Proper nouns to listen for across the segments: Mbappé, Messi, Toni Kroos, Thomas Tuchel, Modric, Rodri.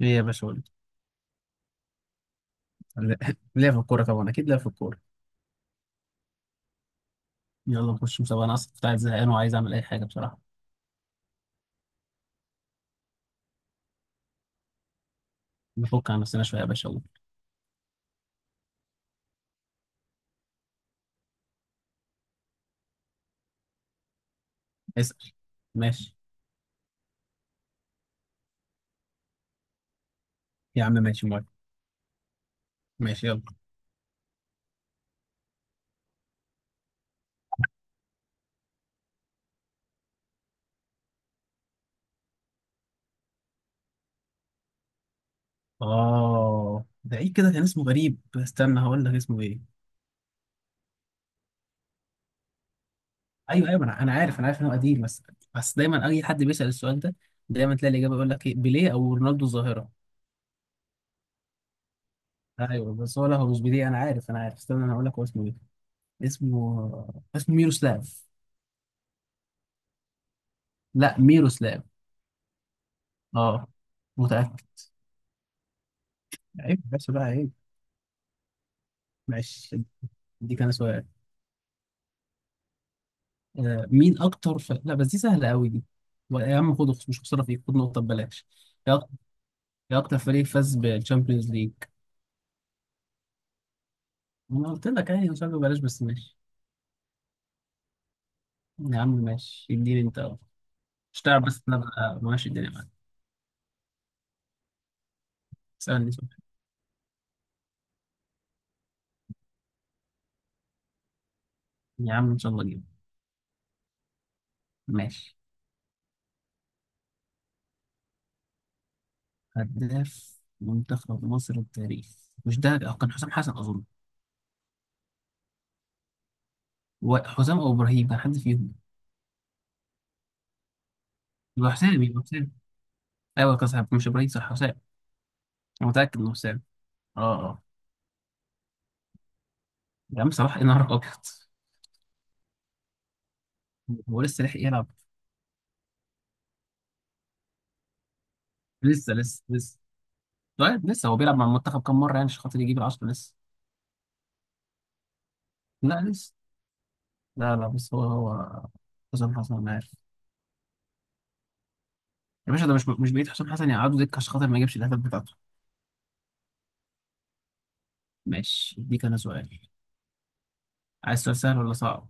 ليه يا باشا قول لي ليه في الكورة، طبعا أكيد ليه في الكورة. يلا نخش مسابقة، أنا أصلا كنت عايز زهقان وعايز أعمل أي حاجة بصراحة. نفك عن نفسنا شوية يا باشا، يلا اسأل. ماشي يا عم، ماشي موافق. ماشي يلا. ده إيه كده؟ كان اسمه غريب، استنى هقول لك اسمه إيه. أيوه أيوه، أنا عارف، أنا عارف إن هو قديم، بس بس دايما أي حد بيسأل السؤال ده، دايما تلاقي الإجابة يقول لك إيه، بيليه أو رونالدو الظاهرة. أيوه بس هو، لا هو مش بيليه. أنا عارف أنا عارف، استنى أنا هقول لك هو اسمه إيه. اسمه ميروسلاف. لا ميروسلاف. آه، متأكد. عيب بس بقى، عيب، معلش. دي كان سؤال. مين اكتر لا بس دي سهله قوي دي. يا عم خد، مش خساره فيك، خد نقطه ببلاش. يا أك- يا اكتر فريق فاز بالشامبيونز ليج؟ انا قلت لك يعني مش عارف، ببلاش بس ماشي. يا عم ماشي، اديني انت أهو. مش تعرف بس إن انا بقى ماشي الدنيا معاك. اسالني سؤال. يا عم ان شاء الله اجيب. ماشي. هداف منتخب مصر التاريخ؟ مش ده، كان حسام حسن اظن. حسام او ابراهيم، كان حد فيهم. يبقى حسام، يبقى حسام. ايوه كان صح، مش ابراهيم، صح حسام. انا متاكد انه حسام. اه اه. يا عم صلاح؟ ايه نهارك ابيض. هو لسه لحق يلعب؟ لسه لسه لسه. طيب لسه هو بيلعب مع المنتخب كام مره يعني عشان خاطر يجيب العشرة؟ لسه. لا لسه. لا لا، بس هو حسام حسن انا عارف. يا باشا ده مش بعيد حسام حسن يقعدوا دكه عشان خاطر ما يجيبش الاهداف بتاعته. ماشي دي كان سؤال. عايز سؤال سهل ولا صعب؟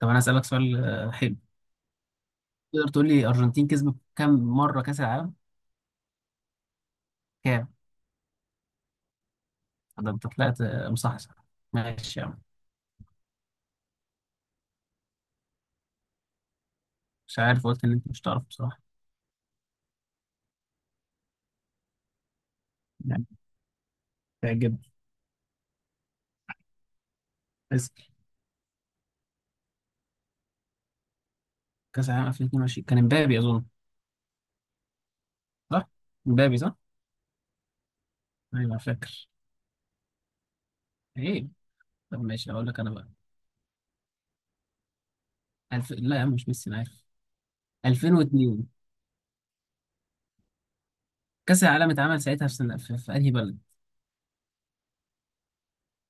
طب انا اسالك سؤال، حلو. تقدر تقول لي ارجنتين كسبت كام مره كاس العالم؟ كام؟ ده انت طلعت مصحصح. ماشي يا عم. مش عارف، قلت ان انت مش تعرف بصراحه. يعني تعجب. كاس العالم 2022 كان امبابي اظن. صح؟ امبابي صح. ايوه فاكر. ايه طب ماشي اقول لك انا بقى. لا يا عم مش ميسي انا عارف. 2002 كاس العالم اتعمل ساعتها في سنة، في انهي بلد؟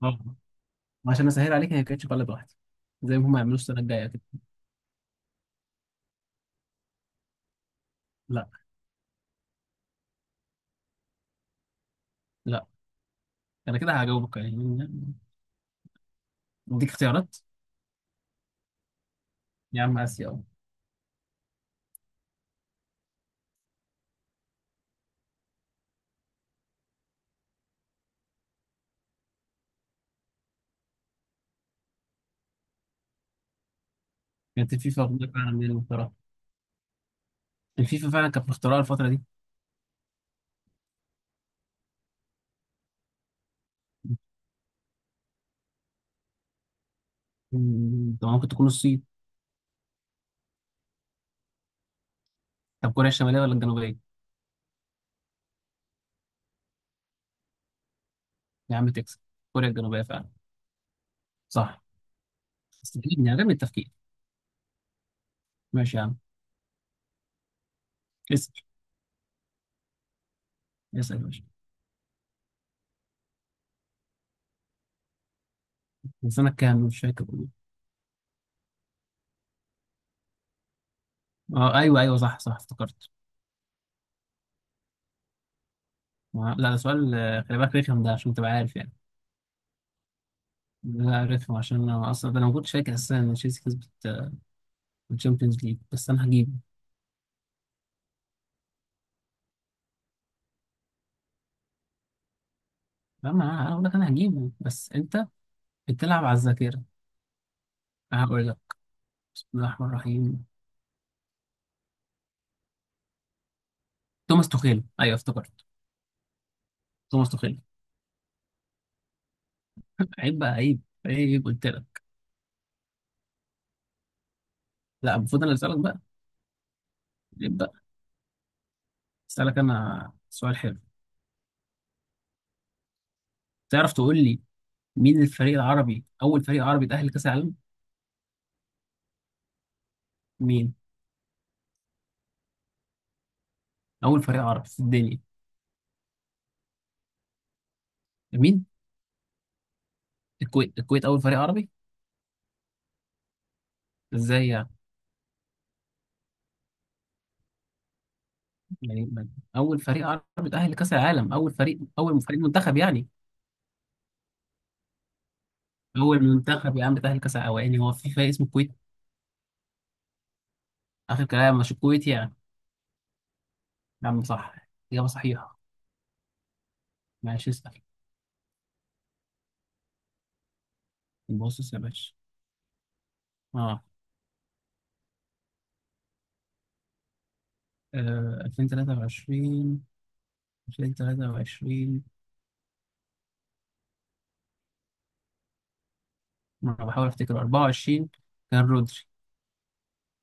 اه، عشان اسهل عليك هي ما كانتش بلد واحده، زي ما هم يعملوش السنه الجايه كده. لا لا. انا كده هجاوبك يعني، اديك اختيارات. يا عم اسيا، اه. كانت الفيفا واخدة فعلا من المخترع. الفيفا فعلا كانت مخترعه الفتره دي. طب ممكن تكون الصين؟ طب كوريا الشماليه ولا الجنوبيه؟ يا عم تكسب، كوريا الجنوبيه فعلا. صح. استفيدني عدم التفكير. ماشي يا عم. اسال، اسال يا باشا. من سنة كام؟ مش فاكر والله. اه ايوه ايوه، صح صح، افتكرت. لا ده سؤال، خلي بالك رخم ده عشان تبقى عارف يعني. لا رخم عشان انا اصلا ده، انا ما كنتش فاكر اساسا ان تشيلسي كسبت، الشامبيونز ليج، بس انا هجيبه. فاهم انا، اقول لك انا هجيبه بس انت بتلعب على الذاكره. أنا هقول لك بسم الله الرحمن الرحيم. توماس توخيل، ايوه افتكرت. توماس توخيل. عيب بقى، عيب. عيب قلت لك. لا المفروض انا اللي اسالك بقى. عيب بقى. اسالك انا سؤال حلو. تعرف تقول لي مين الفريق العربي، أول فريق عربي تأهل لكأس العالم؟ مين؟ أول فريق عربي في الدنيا. مين؟ الكويت. الكويت أول فريق عربي؟ إزاي يعني؟ يعني أول فريق عربي تأهل لكأس العالم، أول فريق، منتخب يعني. أول منتخب يا عم تأهل لكأس العالم، يعني هو في فريق اسمه الكويت؟ آخر كلام مش الكويت يعني. يا عم صح. إجابة صحيحة. ماشي اسأل. بص يا باشا. آه 2023. 2023. أنا بحاول أفتكر 24. كان رودري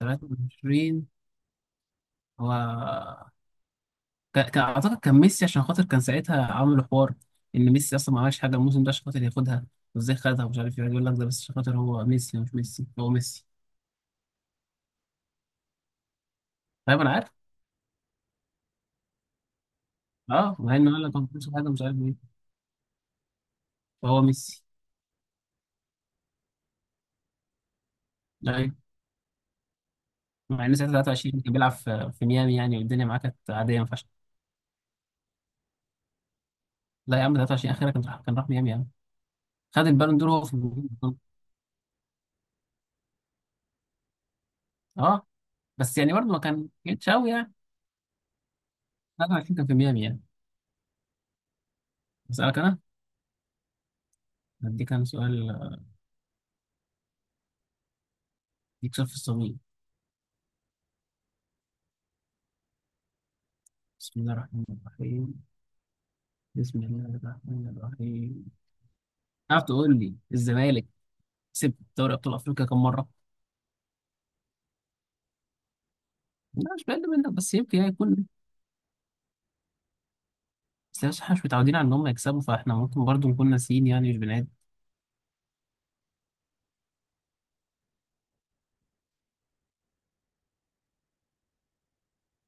23. هو كان اعتقد كان ميسي عشان خاطر كان ساعتها عملوا حوار ان ميسي اصلا ما عملش حاجه الموسم ده عشان خاطر ياخدها، وازاي خدها ومش عارف ايه يقول لك ده، بس عشان خاطر هو ميسي، مش ميسي هو ميسي. طيب انا عارف. اه مع انه قال لك ما بيعملش حاجه مش عارف ايه. فهو ميسي. ايوه، مع ان ساعتها 23 كان بيلعب في ميامي يعني، والدنيا معاه كانت عاديه ما فيهاش. لا يا عم 23 اخيرا، كان راح ميامي يعني. خد البالون دور هو في ميامي. اه بس يعني برضه ما كان جيتش قوي يعني. 23 كان في ميامي يعني. اسالك انا. اديك انا سؤال، اديك سؤال في الصميم. بسم الله الرحمن الرحيم. بسم الله الرحمن الرحيم. تعرف تقول لي الزمالك كسب دوري ابطال افريقيا كم مره؟ لا مش بقل منك، بس يمكن يعني يكون. بس احنا مش متعودين على ان هم يكسبوا، فاحنا ممكن برضو نكون ناسيين يعني مش بنعد.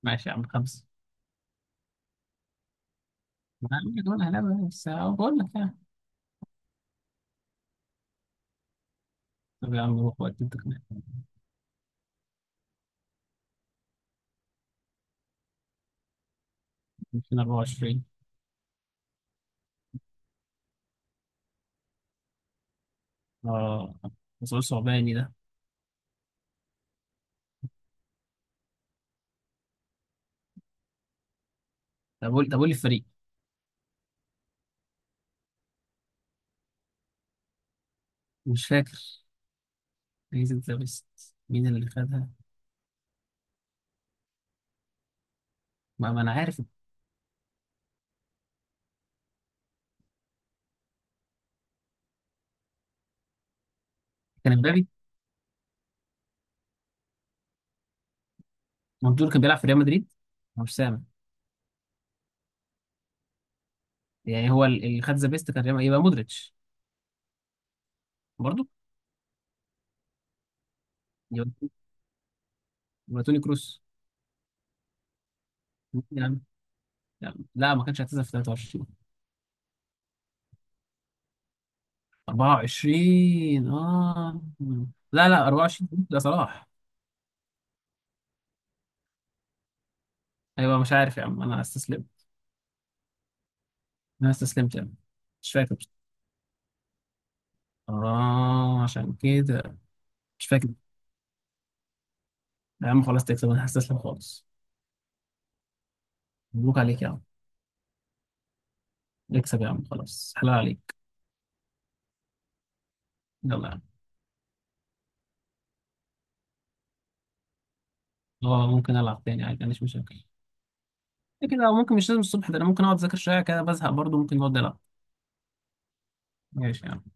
ماشي يا عم، خمسه. ما أنا عامل لك كمان اهلاوي، بس أهو بقول لك يعني. طب يا عم روح وقت انت كمان. 2024. اه. مسؤول صعباني ده. طب قول، لي الفريق. مش فاكر. جايزه ذا بيست مين اللي خدها؟ ما انا عارف. كان امبابي، مندور كان بيلعب في ريال مدريد. مش سامع. يعني هو اللي خد ذا بيست كان يبقى مودريتش. برضه. يبقى توني كروس. يا عم. يا عم. لا ما كانش اعتزل في 23. 24 اه. لا لا 24 ده صلاح. ايوه مش عارف يا عم، انا استسلمت. انا استسلمت يا عم. مش فاكر بصراحة. اه عشان كده. مش فاكر. يا عم خلاص تكسب، انا هستسلم خالص. مبروك عليك يا عم. اكسب يا عم خلاص، حلال عليك. يلا يا عم. اه ممكن العب تاني عادي، ما عنديش مشاكل. كده كده، أو ممكن مش لازم الصبح، ده انا ممكن اقعد اذاكر شويه كده بزهق برضه، ممكن اقعد العب. ماشي يا عم.